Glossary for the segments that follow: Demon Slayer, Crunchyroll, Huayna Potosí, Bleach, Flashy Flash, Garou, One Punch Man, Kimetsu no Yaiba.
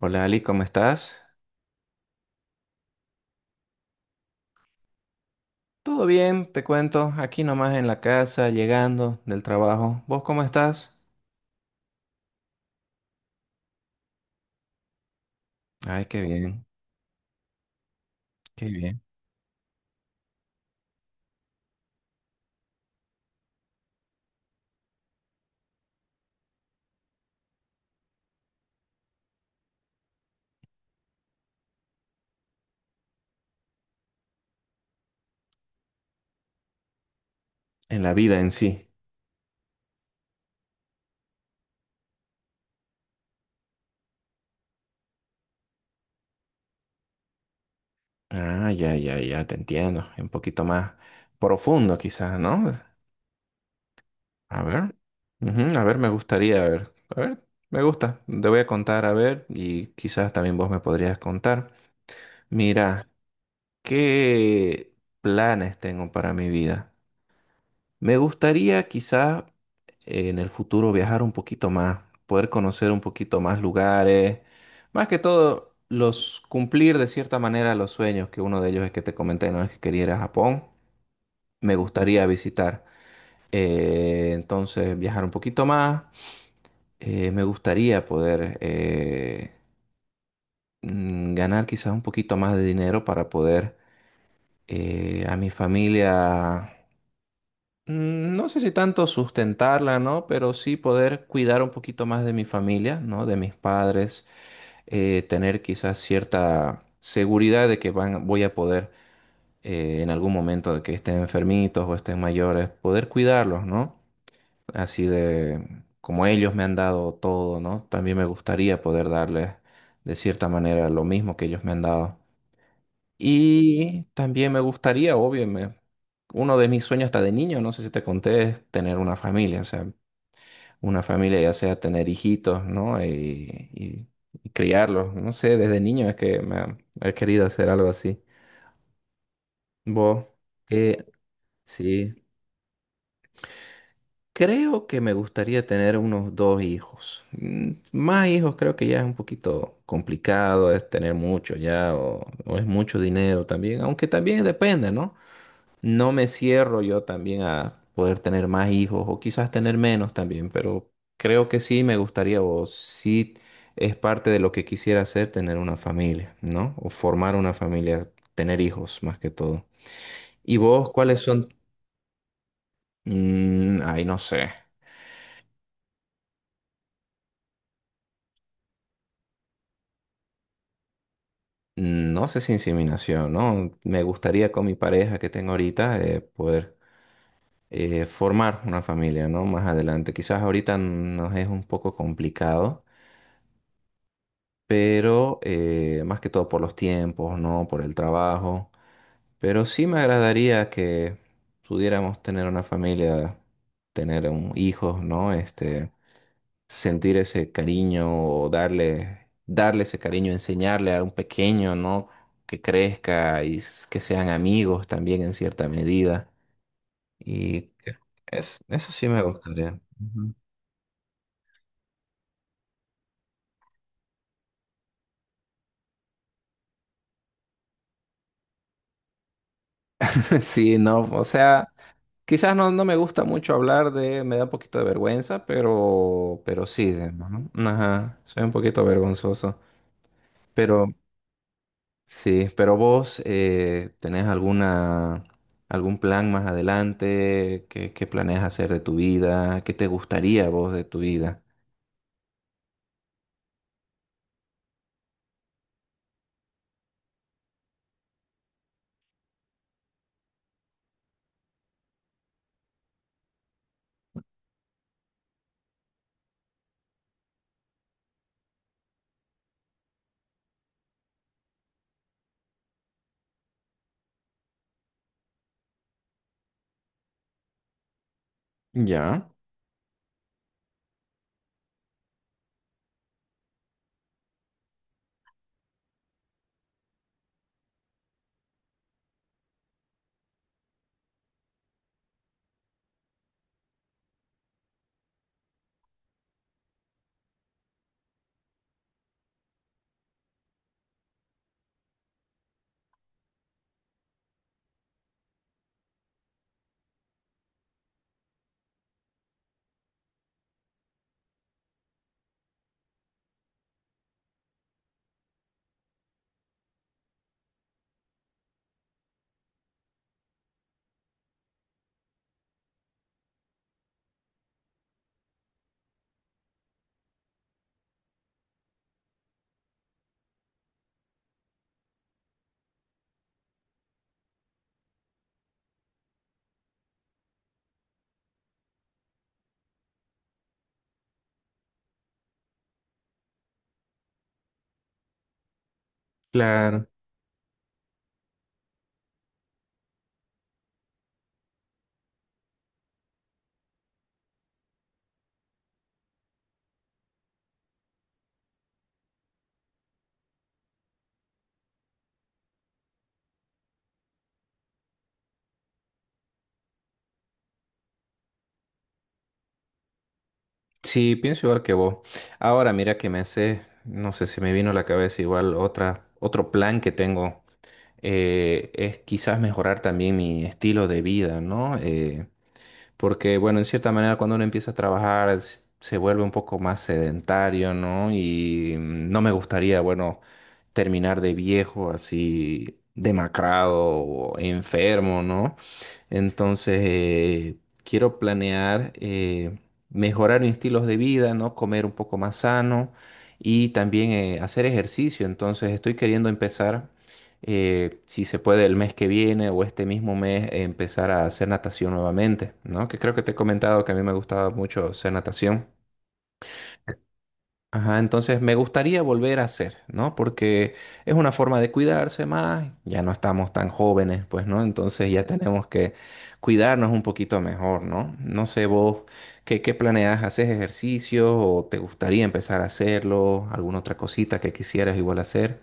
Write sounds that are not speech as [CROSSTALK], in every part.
Hola Ali, ¿cómo estás? Todo bien, te cuento, aquí nomás en la casa, llegando del trabajo. ¿Vos cómo estás? Ay, qué bien, qué bien. En la vida en sí. Ah, ya, ya, ya, te entiendo. Un poquito más profundo quizás, ¿no? A ver. Ujú, a ver, me gustaría, a ver. A ver, me gusta. Te voy a contar, a ver, y quizás también vos me podrías contar. Mira, ¿qué planes tengo para mi vida? Me gustaría quizás en el futuro viajar un poquito más, poder conocer un poquito más lugares, más que todo los cumplir de cierta manera los sueños, que uno de ellos es que te comenté, no es que quería ir a Japón, me gustaría visitar. Entonces viajar un poquito más. Me gustaría poder ganar quizás un poquito más de dinero para poder a mi familia. No sé si tanto sustentarla, ¿no? Pero sí poder cuidar un poquito más de mi familia, ¿no? De mis padres, tener quizás cierta seguridad de que van, voy a poder en algún momento de que estén enfermitos o estén mayores, poder cuidarlos, ¿no? Así de como ellos me han dado todo, ¿no? También me gustaría poder darles de cierta manera lo mismo que ellos me han dado. Y también me gustaría, obvio, uno de mis sueños hasta de niño, no sé si te conté, es tener una familia, o sea, una familia ya sea tener hijitos, ¿no? Y criarlos, no sé, desde niño es que he querido hacer algo así. Vos, eh, sí, creo que me gustaría tener unos dos hijos. Más hijos creo que ya es un poquito complicado, es tener mucho ya, o es mucho dinero también, aunque también depende, ¿no? No me cierro yo también a poder tener más hijos o quizás tener menos también, pero creo que sí me gustaría o sí es parte de lo que quisiera hacer tener una familia, ¿no? O formar una familia, tener hijos más que todo. ¿Y vos cuáles son? Mm, ay, no sé. No sé si inseminación, ¿no? Me gustaría con mi pareja que tengo ahorita poder formar una familia, ¿no? Más adelante. Quizás ahorita nos es un poco complicado, pero más que todo por los tiempos, ¿no? Por el trabajo. Pero sí me agradaría que pudiéramos tener una familia, tener un hijos, ¿no? Este, sentir ese cariño o darle ese cariño, enseñarle a un pequeño, ¿no? Que crezca que sean amigos también en cierta medida. Y que es, eso sí me gustaría. Ujú. [LAUGHS] Sí, no, o sea. Quizás no me gusta mucho hablar de, me da un poquito de vergüenza, pero sí, ¿no? Ajá, soy un poquito vergonzoso. Pero sí, pero vos tenés alguna, algún plan más adelante, qué planeas hacer de tu vida, qué te gustaría vos de tu vida. Ya. Claro, sí, pienso igual que vos. Ahora mira que me hace, no sé si me vino a la cabeza igual otra, otro plan que tengo. Es quizás mejorar también mi estilo de vida, ¿no? Porque, bueno, en cierta manera cuando uno empieza a trabajar se vuelve un poco más sedentario, ¿no? Y no me gustaría, bueno, terminar de viejo así demacrado o enfermo, ¿no? Entonces, quiero planear mejorar mis estilos de vida, ¿no? Comer un poco más sano y también hacer ejercicio. Entonces, estoy queriendo empezar si se puede el mes que viene o este mismo mes empezar a hacer natación nuevamente, ¿no? Que creo que te he comentado que a mí me gustaba mucho hacer natación. Ajá, entonces me gustaría volver a hacer, ¿no? Porque es una forma de cuidarse más, ya no estamos tan jóvenes, pues, ¿no? Entonces ya tenemos que cuidarnos un poquito mejor, ¿no? No sé vos, ¿qué planeas? ¿Haces ejercicio o te gustaría empezar a hacerlo? ¿Alguna otra cosita que quisieras igual hacer?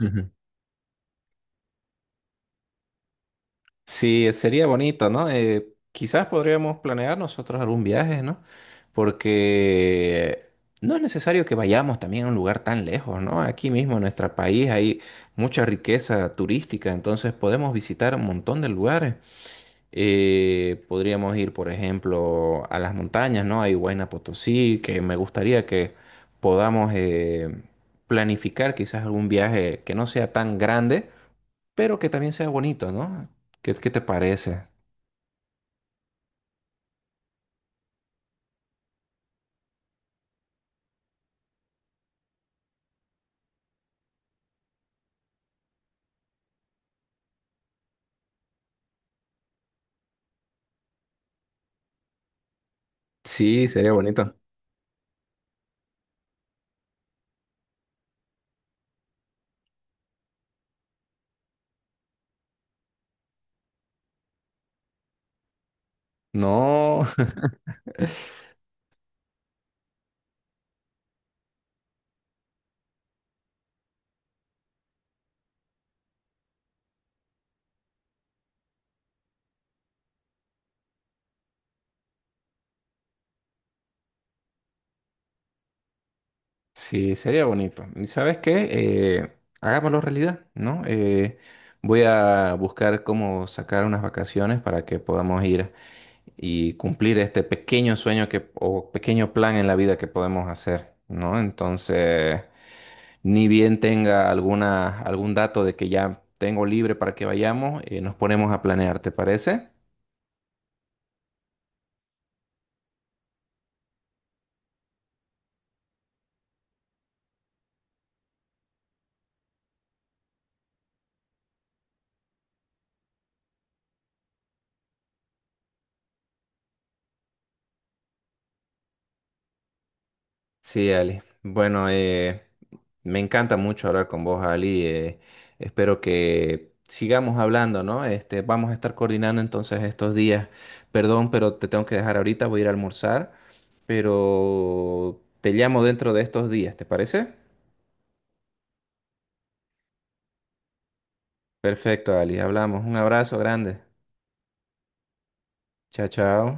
Ujú. Sí, sería bonito, ¿no? Quizás podríamos planear nosotros algún viaje, ¿no? Porque no es necesario que vayamos también a un lugar tan lejos, ¿no? Aquí mismo en nuestro país hay mucha riqueza turística, entonces podemos visitar un montón de lugares. Podríamos ir, por ejemplo, a las montañas, ¿no? Hay Huayna Potosí, que me gustaría que podamos planificar quizás algún viaje que no sea tan grande pero que también sea bonito, ¿no? ¿Qué te parece? Sí, sería bonito. No, [LAUGHS] sí, sería bonito. ¿Y sabes qué? Hagámoslo realidad, ¿no? Voy a buscar cómo sacar unas vacaciones para que podamos ir y cumplir este pequeño sueño que, o pequeño plan en la vida que podemos hacer, ¿no? Entonces, ni bien tenga alguna, algún dato de que ya tengo libre para que vayamos, nos ponemos a planear, ¿te parece? Sí, Ali. Bueno, me encanta mucho hablar con vos, Ali. Eh, espero que sigamos hablando, ¿no? Este, vamos a estar coordinando entonces estos días. Perdón, pero te tengo que dejar ahorita, voy a ir a almorzar, pero te llamo dentro de estos días, ¿te parece? Perfecto, Ali. Hablamos. Un abrazo grande. Chao, chao.